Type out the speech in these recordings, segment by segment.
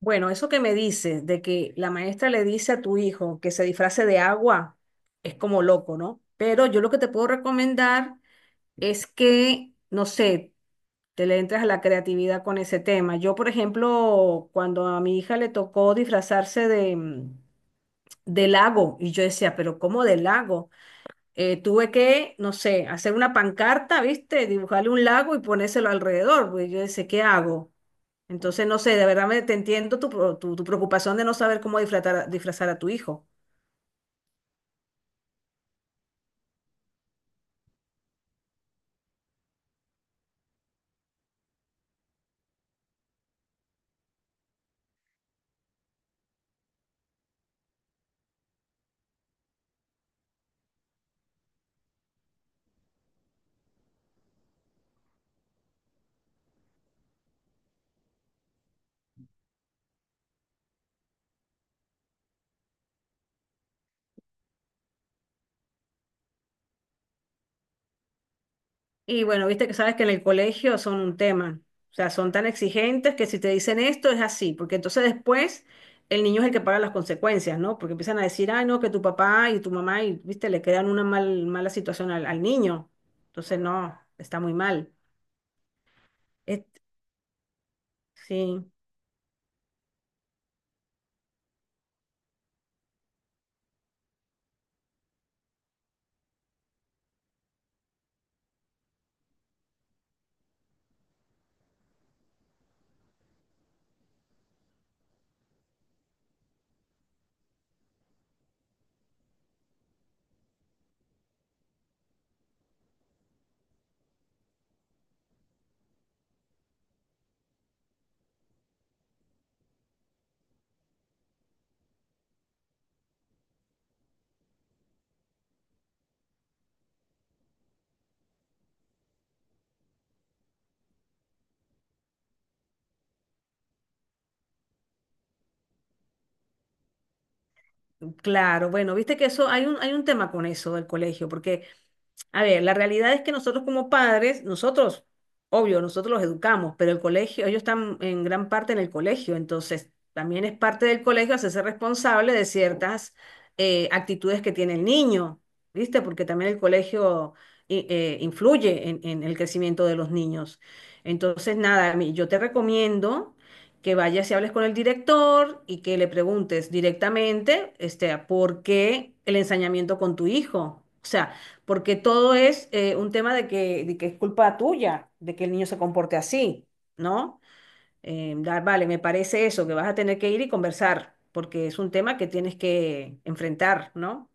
Bueno, eso que me dices de que la maestra le dice a tu hijo que se disfrace de agua es como loco, ¿no? Pero yo lo que te puedo recomendar es que, no sé, te le entres a la creatividad con ese tema. Yo, por ejemplo, cuando a mi hija le tocó disfrazarse de, de lago, y yo decía, pero ¿cómo de lago? Tuve que, no sé, hacer una pancarta, ¿viste? Dibujarle un lago y ponérselo alrededor, pues yo decía, ¿qué hago? Entonces, no sé, de verdad me, te entiendo tu, tu, preocupación de no saber cómo disfrazar, disfrazar a tu hijo. Y bueno, viste que sabes que en el colegio son un tema. O sea, son tan exigentes que si te dicen esto es así, porque entonces después el niño es el que paga las consecuencias, ¿no? Porque empiezan a decir, ay, no, que tu papá y tu mamá, y viste, le crean una mala situación al, al niño. Entonces, no, está muy mal. Es- sí, claro, bueno, viste que eso, hay un tema con eso del colegio, porque… A ver, la realidad es que nosotros como padres, nosotros, obvio, nosotros los educamos, pero el colegio, ellos están en gran parte en el colegio, entonces también es parte del colegio hacerse responsable de ciertas actitudes que tiene el niño, ¿viste? Porque también el colegio influye en el crecimiento de los niños. Entonces, nada, yo te recomiendo que vayas y hables con el director y que le preguntes directamente, este, ¿por qué el ensañamiento con tu hijo? O sea, porque todo es un tema de que es culpa tuya, de que el niño se comporte así, ¿no? Vale, me parece eso, que vas a tener que ir y conversar, porque es un tema que tienes que enfrentar, ¿no?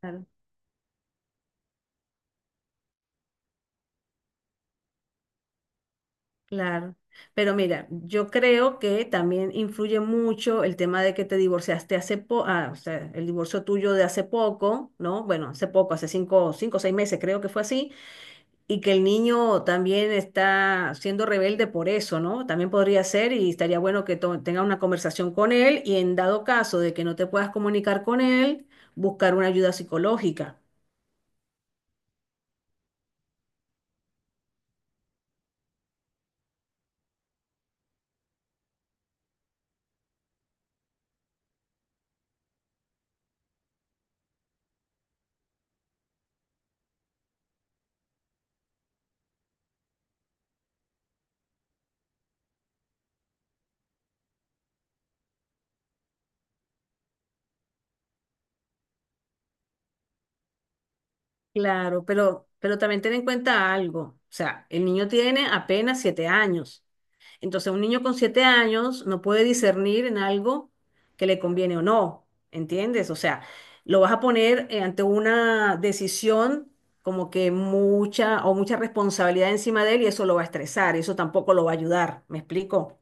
Claro. Claro. Pero mira, yo creo que también influye mucho el tema de que te divorciaste hace poco, o sea, el divorcio tuyo de hace poco, ¿no? Bueno, hace poco, hace cinco o seis meses, creo que fue así. Y que el niño también está siendo rebelde por eso, ¿no? También podría ser y estaría bueno que tenga una conversación con él y, en dado caso de que no te puedas comunicar con él, buscar una ayuda psicológica. Claro, pero también ten en cuenta algo. O sea, el niño tiene apenas 7 años. Entonces, un niño con 7 años no puede discernir en algo que le conviene o no, ¿entiendes? O sea, lo vas a poner ante una decisión como que mucha o mucha responsabilidad encima de él y eso lo va a estresar, y eso tampoco lo va a ayudar, ¿me explico?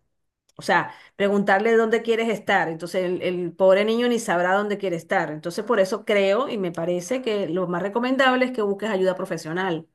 O sea, preguntarle dónde quieres estar, entonces el pobre niño ni sabrá dónde quiere estar. Entonces, por eso creo y me parece que lo más recomendable es que busques ayuda profesional.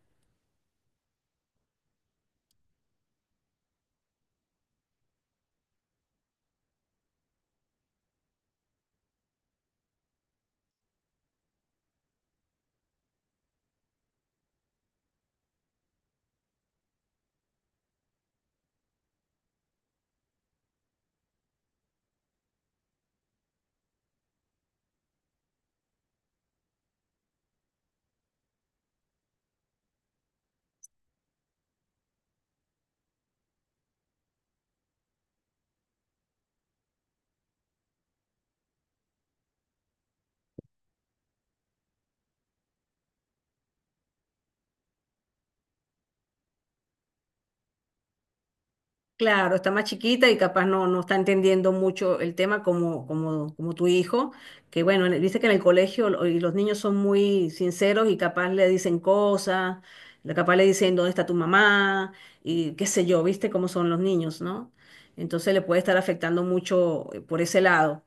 Claro, está más chiquita y capaz no, no está entendiendo mucho el tema como, como, como tu hijo, que bueno, viste que en el colegio y los niños son muy sinceros y capaz le dicen cosas, capaz le dicen dónde está tu mamá y qué sé yo, viste cómo son los niños, ¿no? Entonces le puede estar afectando mucho por ese lado.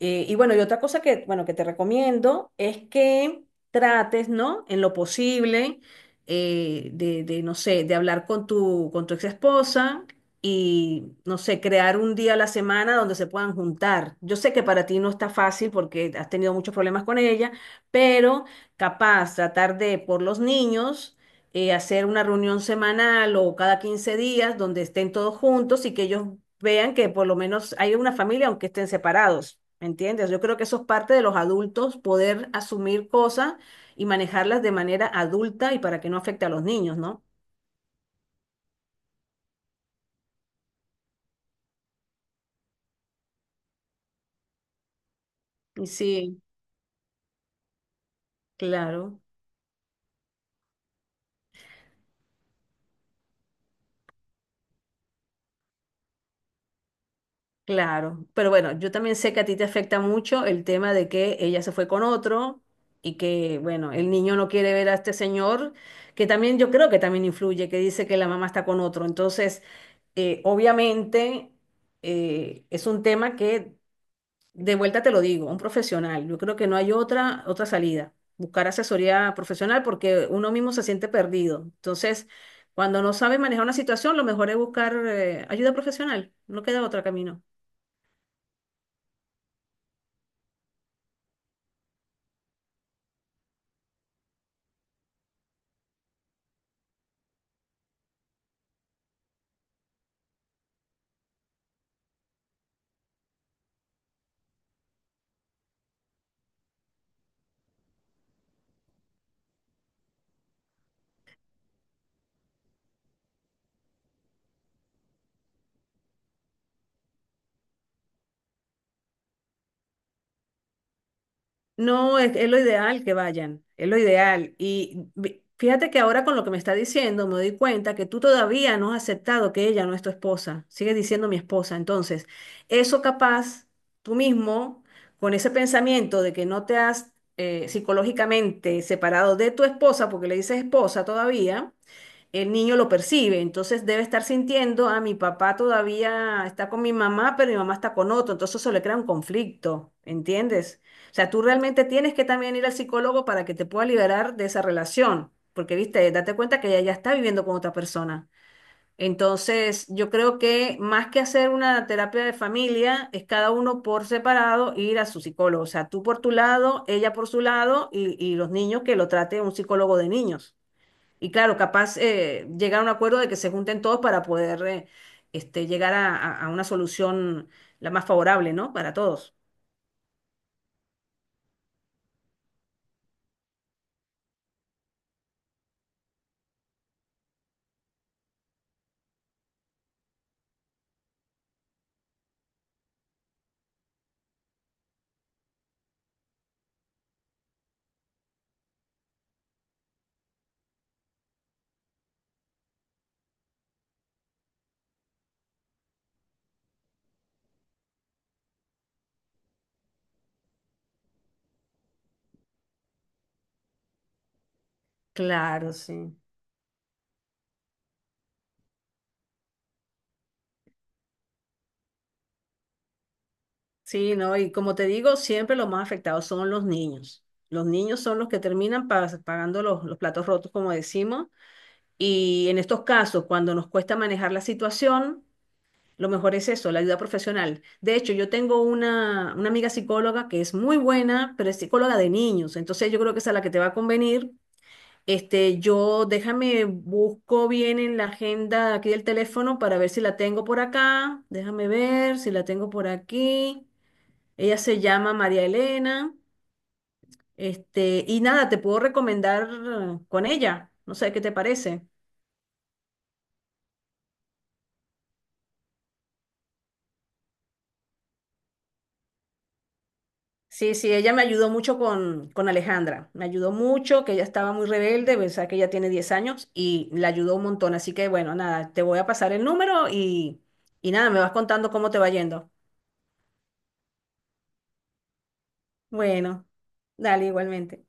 Y bueno, y otra cosa que, bueno, que te recomiendo es que trates, ¿no? En lo posible, de, no sé, de hablar con tu ex esposa y, no sé, crear un día a la semana donde se puedan juntar. Yo sé que para ti no está fácil porque has tenido muchos problemas con ella, pero capaz tratar de, por los niños, hacer una reunión semanal o cada 15 días donde estén todos juntos y que ellos vean que por lo menos hay una familia aunque estén separados, ¿me entiendes? Yo creo que eso es parte de los adultos, poder asumir cosas y manejarlas de manera adulta y para que no afecte a los niños, ¿no? Y sí, claro. Claro, pero bueno, yo también sé que a ti te afecta mucho el tema de que ella se fue con otro y que, bueno, el niño no quiere ver a este señor, que también yo creo que también influye, que dice que la mamá está con otro. Entonces, obviamente, es un tema que, de vuelta te lo digo, un profesional. Yo creo que no hay otra, otra salida, buscar asesoría profesional porque uno mismo se siente perdido. Entonces, cuando no sabe manejar una situación, lo mejor es buscar, ayuda profesional, no queda otro camino. No, es lo ideal que vayan, es lo ideal. Y fíjate que ahora con lo que me está diciendo me doy cuenta que tú todavía no has aceptado que ella no es tu esposa, sigues diciendo mi esposa. Entonces, eso capaz tú mismo, con ese pensamiento de que no te has psicológicamente separado de tu esposa, porque le dices esposa todavía, el niño lo percibe, entonces debe estar sintiendo, ah, mi papá todavía está con mi mamá, pero mi mamá está con otro, entonces eso le crea un conflicto, ¿entiendes? O sea, tú realmente tienes que también ir al psicólogo para que te pueda liberar de esa relación, porque, viste, date cuenta que ella ya está viviendo con otra persona. Entonces, yo creo que más que hacer una terapia de familia, es cada uno por separado ir a su psicólogo. O sea, tú por tu lado, ella por su lado y los niños que lo trate un psicólogo de niños. Y claro, capaz llegar a un acuerdo de que se junten todos para poder este, llegar a, a una solución la más favorable, ¿no? Para todos. Claro, sí. Sí, ¿no? Y como te digo, siempre los más afectados son los niños. Los niños son los que terminan pagando los platos rotos, como decimos. Y en estos casos, cuando nos cuesta manejar la situación, lo mejor es eso, la ayuda profesional. De hecho, yo tengo una amiga psicóloga que es muy buena, pero es psicóloga de niños. Entonces yo creo que esa es la que te va a convenir. Este, yo déjame, busco bien en la agenda aquí del teléfono para ver si la tengo por acá. Déjame ver si la tengo por aquí. Ella se llama María Elena. Este, y nada, te puedo recomendar con ella. No sé qué te parece. Sí, sí, ella me ayudó mucho con Alejandra. Me ayudó mucho, que ella estaba muy rebelde, o sea, que ella tiene 10 años y la ayudó un montón. Así que bueno, nada, te voy a pasar el número y nada, me vas contando cómo te va yendo. Bueno, dale igualmente.